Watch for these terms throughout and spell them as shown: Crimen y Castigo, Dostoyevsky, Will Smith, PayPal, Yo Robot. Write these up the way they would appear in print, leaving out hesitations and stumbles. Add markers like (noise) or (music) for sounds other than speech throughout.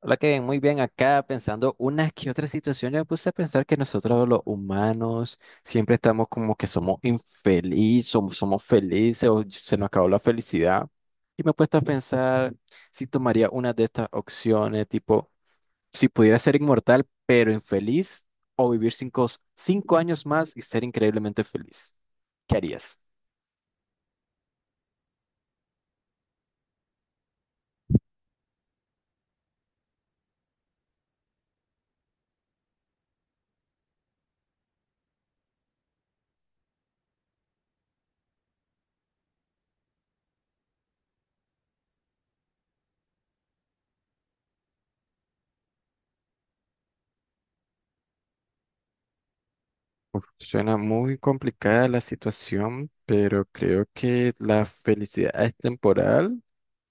Hola, que ven muy bien acá pensando unas que otras situaciones. Me puse a pensar que nosotros los humanos siempre estamos como que somos infelices, somos felices o se nos acabó la felicidad. Y me he puesto a pensar si tomaría una de estas opciones, tipo, si pudiera ser inmortal pero infeliz o vivir cinco años más y ser increíblemente feliz. ¿Qué harías? Suena muy complicada la situación, pero creo que la felicidad es temporal.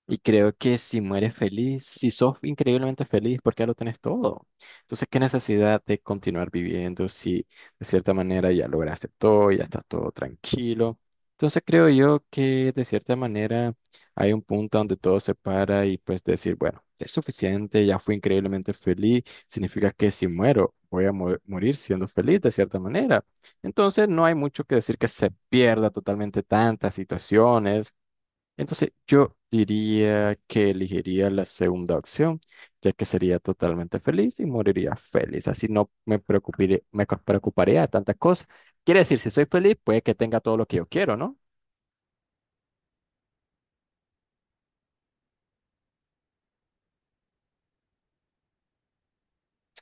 Y creo que si mueres feliz, si sos increíblemente feliz, porque ya lo tenés todo. Entonces, ¿qué necesidad de continuar viviendo si de cierta manera ya lograste todo, ya estás todo tranquilo? Entonces, creo yo que de cierta manera hay un punto donde todo se para y pues decir, bueno, es suficiente, ya fui increíblemente feliz, significa que si muero, voy a morir siendo feliz de cierta manera. Entonces, no hay mucho que decir que se pierda totalmente tantas situaciones entonces, yo diría que elegiría la segunda opción, ya que sería totalmente feliz y moriría feliz. Así no me preocuparé, me preocuparía de tantas cosas. Quiere decir, si soy feliz, puede que tenga todo lo que yo quiero, ¿no?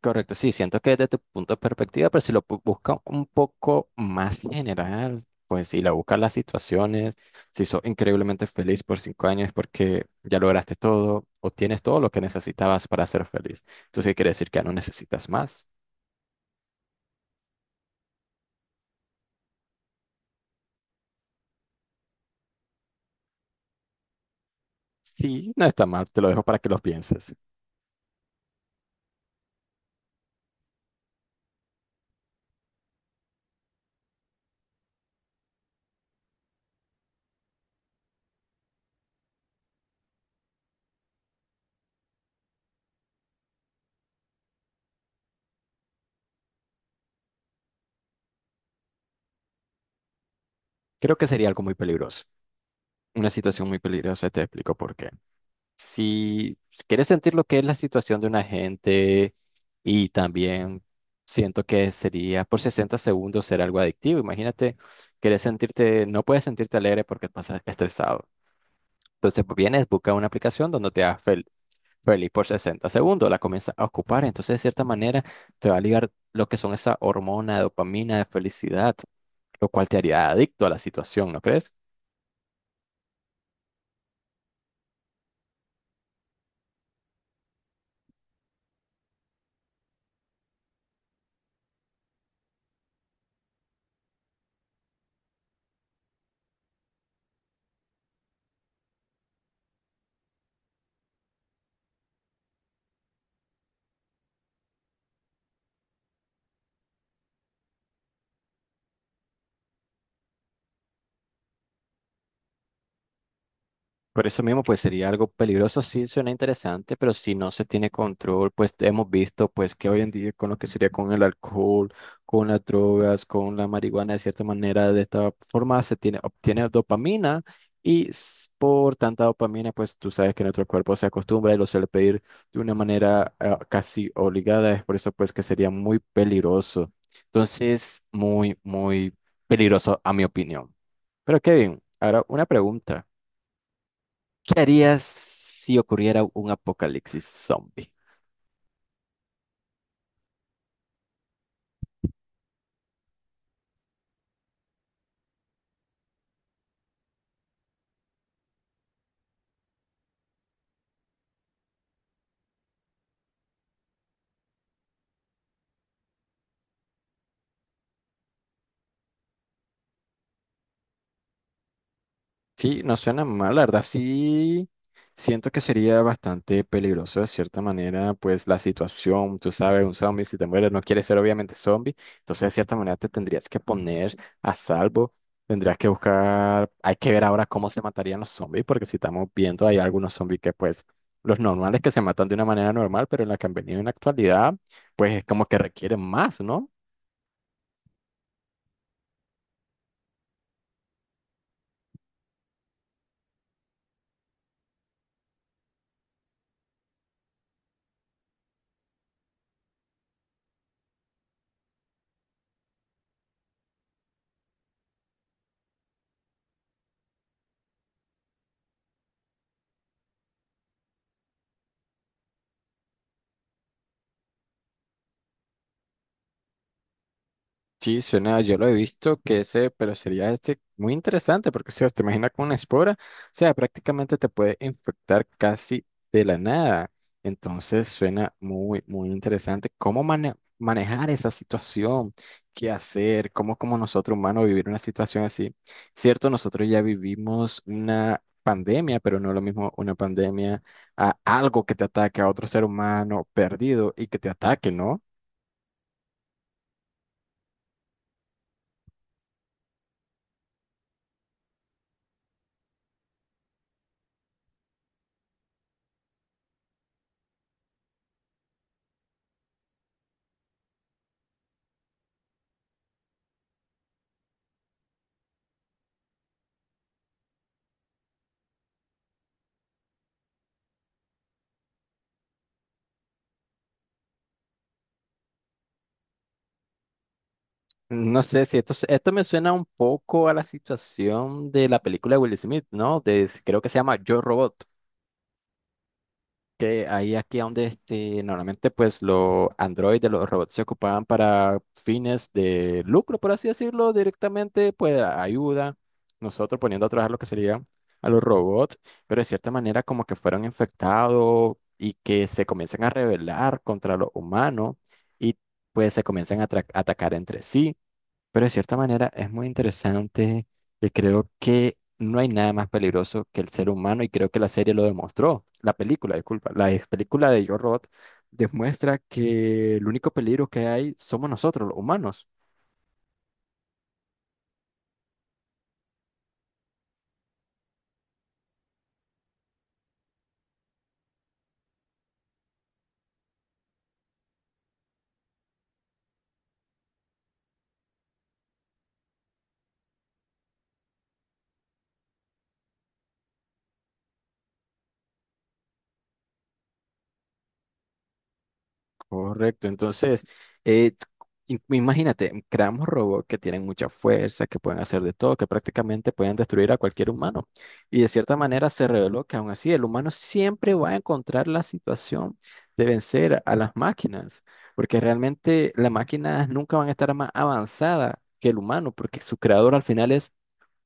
Correcto, sí, siento que desde tu punto de perspectiva, pero si lo busca un poco más general, pues si la buscas las situaciones, si sos increíblemente feliz por 5 años porque ya lograste todo o tienes todo lo que necesitabas para ser feliz. Entonces quiere decir que ya no necesitas más. Sí, no está mal, te lo dejo para que lo pienses. Creo que sería algo muy peligroso, una situación muy peligrosa, te explico por qué. Si quieres sentir lo que es la situación de un agente y también siento que sería por 60 segundos ser algo adictivo, imagínate, quieres sentirte, no puedes sentirte alegre porque pasas estresado. Entonces pues, vienes, busca una aplicación donde te hagas feliz por 60 segundos, la comienzas a ocupar, entonces de cierta manera te va a ligar lo que son esa hormona de dopamina de felicidad. Lo cual te haría adicto a la situación, ¿no crees? Por eso mismo, pues sería algo peligroso, sí suena interesante, pero si no se tiene control, pues hemos visto pues que hoy en día con lo que sería con el alcohol, con las drogas, con la marihuana, de cierta manera, de esta forma se tiene, obtiene dopamina y por tanta dopamina, pues tú sabes que nuestro cuerpo se acostumbra y lo suele pedir de una manera casi obligada, es por eso pues que sería muy peligroso. Entonces, muy, muy peligroso a mi opinión. Pero Kevin, ahora una pregunta. ¿Qué harías si ocurriera un apocalipsis zombie? Sí, no suena mal, la verdad sí siento que sería bastante peligroso de cierta manera, pues la situación, tú sabes, un zombie si te mueres no quieres ser obviamente zombie, entonces de cierta manera te tendrías que poner a salvo, tendrías que buscar, hay que ver ahora cómo se matarían los zombies, porque si estamos viendo hay algunos zombies que pues los normales que se matan de una manera normal, pero en la que han venido en la actualidad, pues es como que requieren más, ¿no? Sí, suena, yo lo he visto que ese, pero sería este muy interesante porque, o te imaginas con una espora, o sea, prácticamente te puede infectar casi de la nada. Entonces suena muy, muy interesante cómo manejar esa situación, qué hacer, cómo como nosotros humanos vivir una situación así. Cierto, nosotros ya vivimos una pandemia, pero no lo mismo una pandemia a algo que te ataque a otro ser humano perdido y que te ataque, ¿no? No sé si esto, esto me suena un poco a la situación de la película de Will Smith, ¿no? De, creo que se llama Yo Robot, que ahí aquí donde este, normalmente pues los androides, los robots se ocupaban para fines de lucro, por así decirlo, directamente, pues ayuda, nosotros poniendo a trabajar lo que sería a los robots, pero de cierta manera como que fueron infectados y que se comienzan a rebelar contra los humanos y pues se comienzan a atacar entre sí. Pero de cierta manera es muy interesante y creo que no hay nada más peligroso que el ser humano y creo que la serie lo demostró. La película, disculpa, la ex película de Yo Robot demuestra que el único peligro que hay somos nosotros, los humanos. Correcto, entonces, eh, imagínate, creamos robots que tienen mucha fuerza, que pueden hacer de todo, que prácticamente pueden destruir a cualquier humano. Y de cierta manera se reveló que aún así el humano siempre va a encontrar la situación de vencer a las máquinas, porque realmente las máquinas nunca van a estar más avanzadas que el humano, porque su creador al final es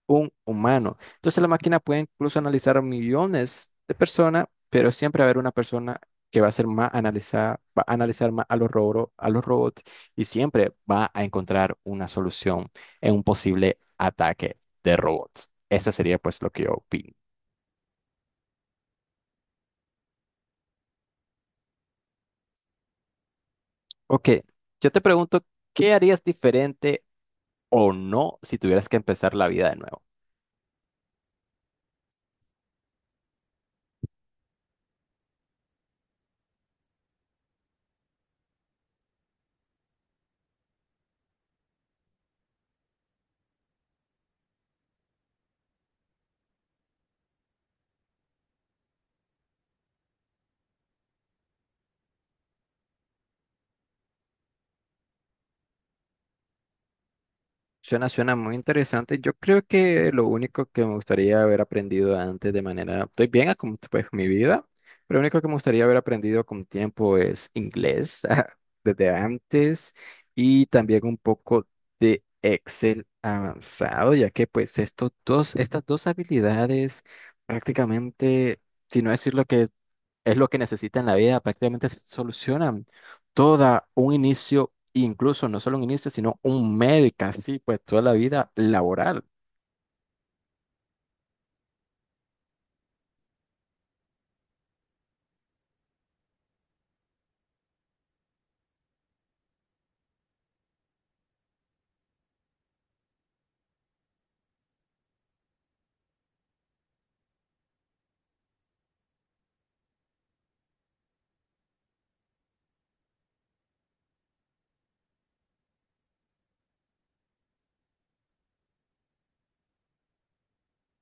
un humano. Entonces la máquina puede incluso analizar a millones de personas, pero siempre va a haber una persona que va a ser más analizada, va a analizar más a los robots y siempre va a encontrar una solución en un posible ataque de robots. Eso sería pues lo que yo opino. Ok, yo te pregunto, ¿qué harías diferente o no si tuvieras que empezar la vida de nuevo? Suena muy interesante. Yo creo que lo único que me gustaría haber aprendido antes de manera, estoy bien a como pues mi vida, pero lo único que me gustaría haber aprendido con tiempo es inglés (laughs) desde antes y también un poco de Excel avanzado, ya que pues estos dos, estas dos habilidades prácticamente, si no decirlo que es lo que necesita en la vida, prácticamente se solucionan toda un inicio, incluso no solo un inicio, sino un medio y casi pues toda la vida laboral.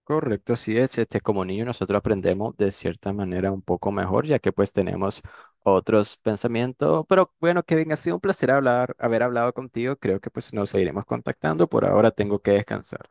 Correcto, así es, este, como niño nosotros aprendemos de cierta manera un poco mejor, ya que pues tenemos otros pensamientos, pero bueno, Kevin, ha sido un placer hablar, haber hablado contigo, creo que pues nos seguiremos contactando, por ahora tengo que descansar.